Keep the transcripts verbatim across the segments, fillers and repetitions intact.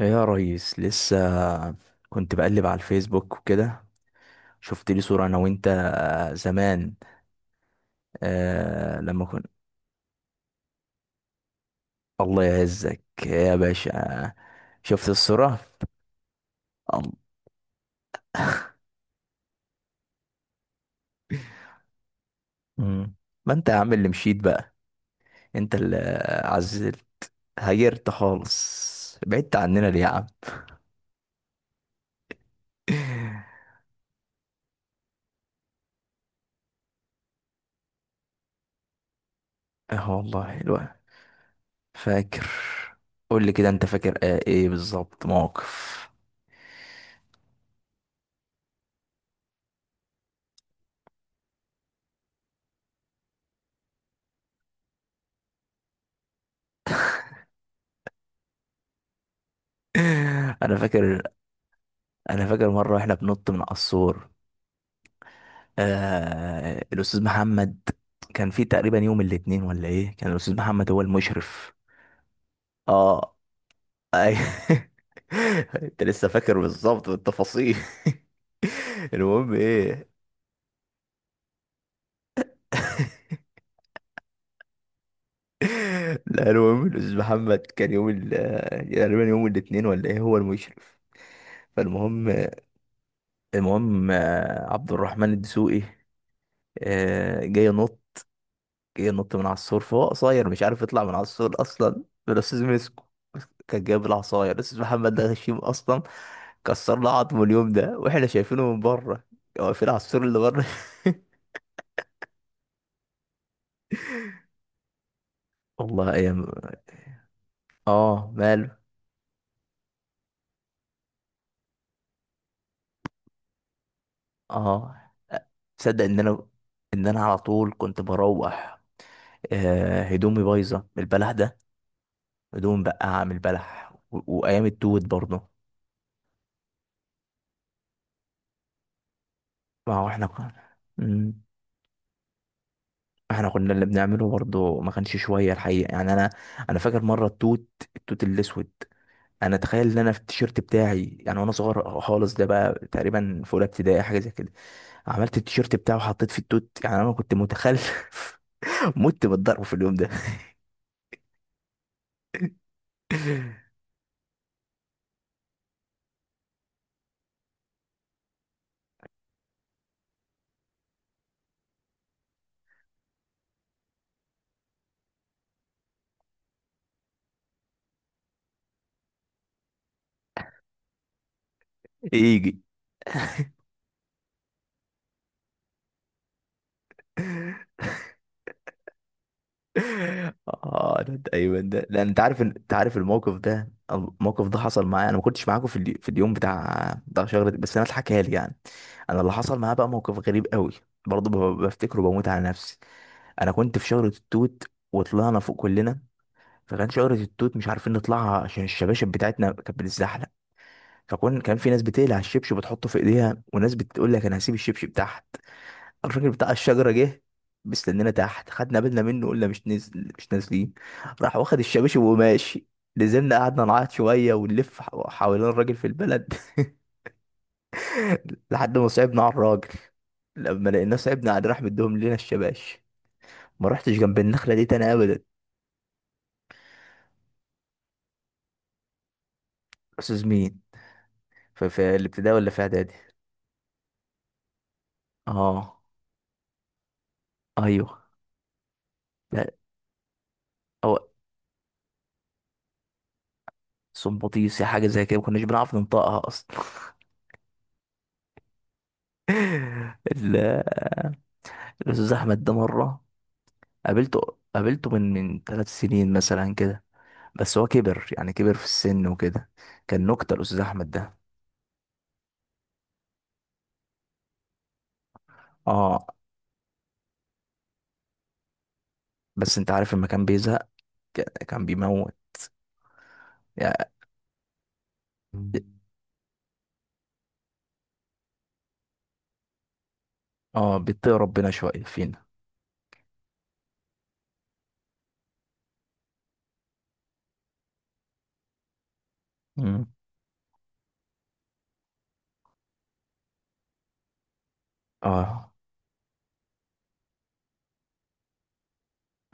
يا ريس لسه كنت بقلب على الفيسبوك وكده. شفت لي صورة انا وانت آه، زمان. آه لما كنت... الله يعزك يا باشا. شفت الصورة. الله. مم. ما انت يا عم اللي مشيت بقى؟ انت اللي عزلت، هيرت خالص، بعدت عننا ليه يا عم؟ اه والله الوقت. فاكر. قول لي كده، انت فاكر آه ايه بالظبط موقف؟ انا فاكر انا فاكر مره واحنا بنط من قصور. آه الاستاذ محمد، كان في تقريبا يوم الاثنين ولا ايه؟ كان الاستاذ محمد هو المشرف. اه. اي. انت لسه فاكر بالظبط بالتفاصيل؟ المهم ايه. لا، المهم الاستاذ محمد كان يوم ال- تقريبا يوم الاثنين ولا ايه هو المشرف. فالمهم، المهم آه، عبد الرحمن الدسوقي آه، جاي ينط جه نط من على السور. فهو قصير مش عارف يطلع من على السور اصلا، فالاستاذ مسكه. كان جايب العصايه، الاستاذ محمد ده غشيم اصلا، كسر له عظمه اليوم ده واحنا شايفينه من بره، واقفين على السور اللي بره. والله ايام. اه ماله. اه تصدق ان انا ان انا على طول كنت بروح آه هدومي بايظه من البلح ده. هدوم بقى من البلح و- وايام التوت برضه. ما هو احنا كنا مم. احنا كنا اللي بنعمله برضه ما كانش شويه الحقيقه، يعني انا انا فاكر مره التوت. التوت الاسود. انا تخيل ان انا في التيشيرت بتاعي يعني، وانا صغير خالص ده بقى تقريبا في اولى ابتدائي حاجه زي كده، عملت التيشيرت بتاعي وحطيت فيه التوت. يعني انا كنت متخلف. مت بالضرب في اليوم ده. يجي. اه، ده ده- ايوه ده، لان انت عارف إن- انت عارف الموقف ده الموقف ده حصل معايا. انا ما كنتش معاكم في الي- في اليوم بتاع بتاع شجره، بس انا اتحكى لي يعني. انا اللي حصل معايا بقى موقف غريب قوي، برضه ب- بفتكره بموت على نفسي. انا كنت في شجره التوت وطلعنا فوق كلنا. فكان شجره التوت مش عارفين نطلعها عشان الشباشب بتاعتنا كانت بتتزحلق. فكان كان في ناس بتقلع الشبشب وتحطه في ايديها، وناس بتقول لك انا هسيب الشبشب بتاعها. الراجل بتاع الشجرة جه مستنينا تحت. خدنا بالنا منه، قلنا مش نزل، مش نازلين. راح واخد الشباشب وماشي. نزلنا، قعدنا نعيط شوية ونلف ح- حوالين الراجل في البلد لحد ما صعبنا على الراجل. لما لقيناه صعبنا عليه راح مديهم لنا الشباش. ما رحتش جنب النخلة دي تاني أبدا. أستاذ مين؟ في, في الابتدائي ولا في إعدادي؟ اه. ايوه. لا. او. صمبطيسي حاجه زي كده، ما كناش بنعرف ننطقها اصلا. ال- الاستاذ احمد ده مره قابلته. قابلته من من ثلاث سنين مثلا كده، بس هو كبر يعني كبر في السن وكده. كان نكتة الأستاذ أحمد ده. اه، بس أنت عارف لما كان بيزهق ك- كان بيموت يعني. اه بيتقي ربنا شوية فينا. مم. اه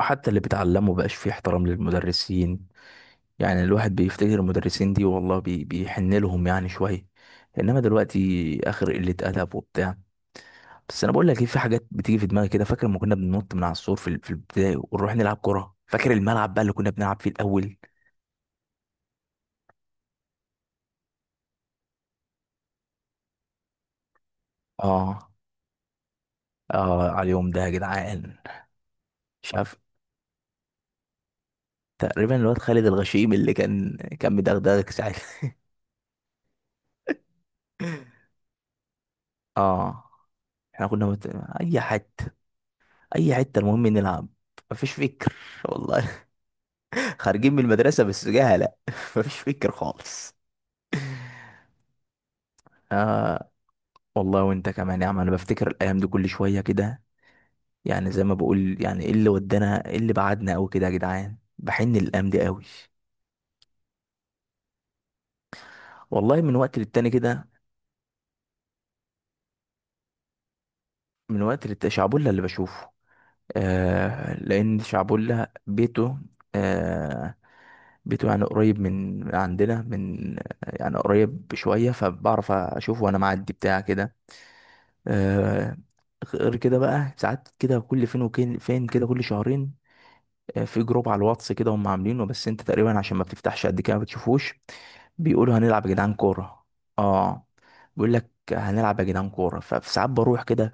حتى اللي بتعلمه بقاش فيه احترام للمدرسين. يعني الواحد بيفتكر المدرسين دي والله بي بيحن لهم يعني شوية، انما دلوقتي اخر قلة ادب وبتاع. بس انا بقول لك ايه، في حاجات بتيجي في دماغي كده. فاكر لما كنا بننط من على السور في ال- في البداية ونروح نلعب كرة؟ فاكر الملعب بقى اللي كنا بنلعب فيه الاول؟ اه، اه على اليوم ده يا جدعان. مش عارف، تقريبا الواد خالد الغشيم اللي كان كان مدغدغك ساعتها. اه احنا كنا مت... اي حته، اي حته المهم نلعب. مفيش فكر والله، خارجين من المدرسة بس جهلة. مفيش فكر خالص. آه والله، وانت كمان يا عم. انا بفتكر الايام دي كل شوية كده، يعني زي ما بقول يعني، ايه اللي ودانا، ايه اللي بعدنا قوي كده يا جدعان؟ بحن الايام دي قوي. والله، من وقت للتاني كده. من وقت للتاني شعبولة اللي بشوفه، آه لان شعبولة بيته، آه بيته يعني قريب من من عندنا، من يعني قريب شوية فبعرف اشوفه وانا معدي بتاع كده. آه، غير كده بقى ساعات كده، كل فين وكين فين كده، كل شهرين. آه، في جروب على الواتس كده هم عاملينه، بس انت تقريبا عشان ما بتفتحش قد كده ما بتشوفوش. بيقولوا هنلعب يا جدعان كورة. اه، بيقول لك هنلعب يا جدعان كورة، فساعات بروح كده.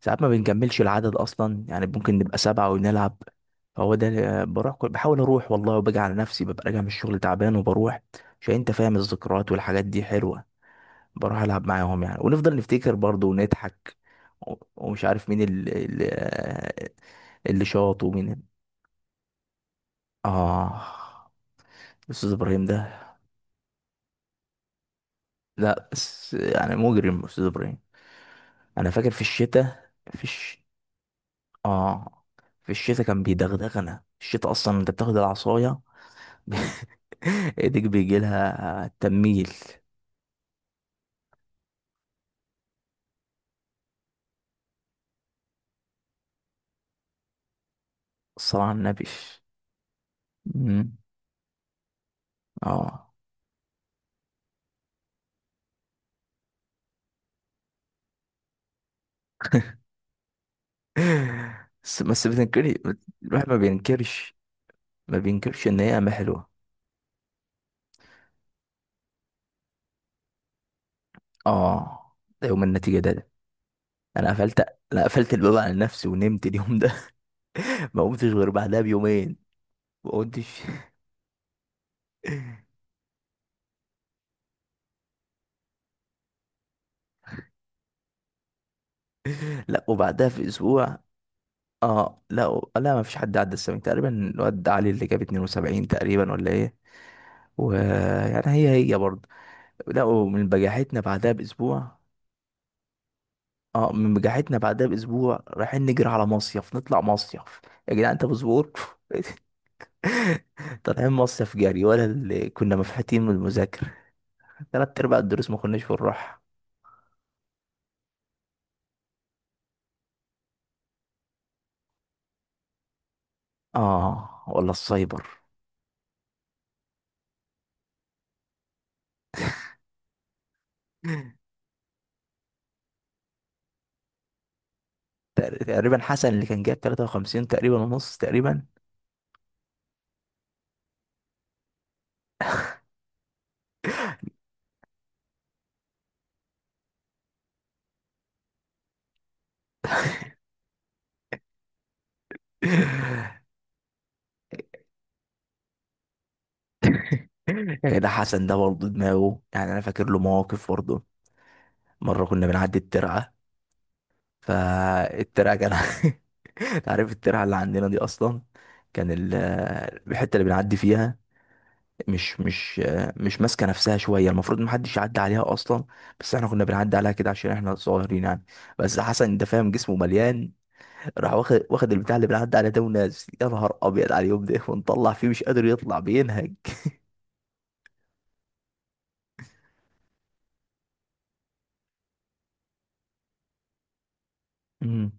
ساعات ما بنكملش العدد اصلا، يعني ممكن نبقى سبعة ونلعب. فهو ده اللي- آه، بروح كل- بحاول اروح والله، وباجي على نفسي ببقى راجع من الشغل تعبان وبروح، عشان انت فاهم الذكريات والحاجات دي حلوة، بروح العب معاهم يعني. ونفضل نفتكر برضو ونضحك، و- ومش عارف مين اللي اللي اللي شاط، ومين ال- اه استاذ ابراهيم ده. لا بس يعني مجرم استاذ ابراهيم. انا فاكر في الشتاء في الش... اه في الشتاء كان بيدغدغنا. الشتاء اصلا انت بتاخد العصايه، ايدك بيجي لها تميل. الصلاة على النبي. مم. اه، بس بس بتنكري. الواحد ما بينكرش ما بينكرش ان هي قامة حلوة. اه، ده يوم النتيجة ده، ده. انا قفلت، انا قفلت الباب على نفسي ونمت اليوم ده. ما قمتش غير بعدها بيومين. ما قمتش. لا وبعدها في اسبوع. اه، لا و- لا ما فيش حد عدى السبعين تقريبا، الواد علي اللي جاب اثنين وسبعين تقريبا ولا ايه. ويعني هي هي برضه. لا، ومن بجاحتنا بعدها باسبوع. اه من بجاحتنا بعدها باسبوع رايحين نجري على مصيف، نطلع مصيف. يا جدعان انت مصبور. طالعين مصيف جري ولا اللي كنا مفحتين من المذاكرة؟ تلات ارباع الدروس ما كناش بنروح. اه ولا السايبر. تق- تقريبا حسن اللي كان جايب تلاتة وخمسين تقريبا ونص تقريبا. كده حسن ده برضه دماغه، يعني انا فاكر له مواقف برضه. مره كنا بنعدي الترعه، فالترعه كان... عارف الترعه اللي عندنا دي اصلا؟ كان ال- الحته اللي بنعدي فيها مش مش مش ماسكه نفسها شويه، المفروض ما حدش يعدي عليها اصلا، بس احنا كنا بنعدي عليها كده عشان احنا صغيرين يعني. بس حسن ده فاهم جسمه مليان، راح واخد واخد البتاع اللي بنعدي عليه ده ونازل. يا نهار ابيض على اليوم ده، ونطلع فيه مش قادر يطلع، بينهج. امم.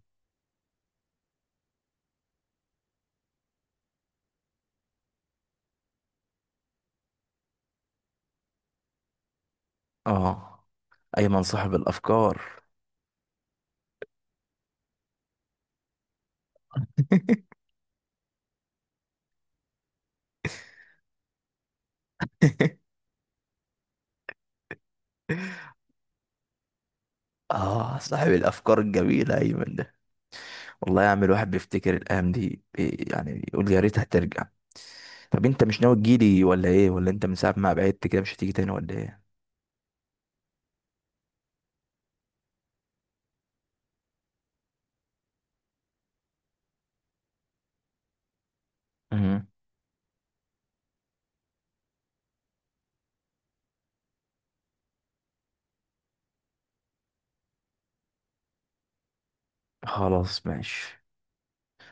اه ايمن صاحب الافكار. اه صاحب الافكار الجميله ايمن ده. والله يا عم الواحد بيفتكر الايام دي بي- يعني يقول يا ريتها ترجع. طب انت مش ناوي تجيلي ولا ايه، ولا انت من ساعه ما بعدت كده مش هتيجي تاني ولا ايه؟ امم. خلاص ماشي.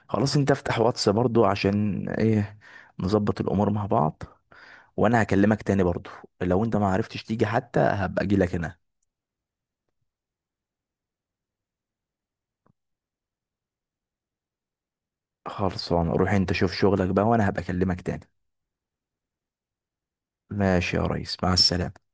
خلاص انت افتح واتس برضو عشان ايه نظبط الامور مع بعض، وانا هكلمك تاني برضو. لو انت ما عرفتش تيجي حتى هبقى اجي لك هنا. خلصان، روح انت شوف شغلك بقى، وانا هبقى اكلمك تاني. ماشي يا ريس، مع السلامة.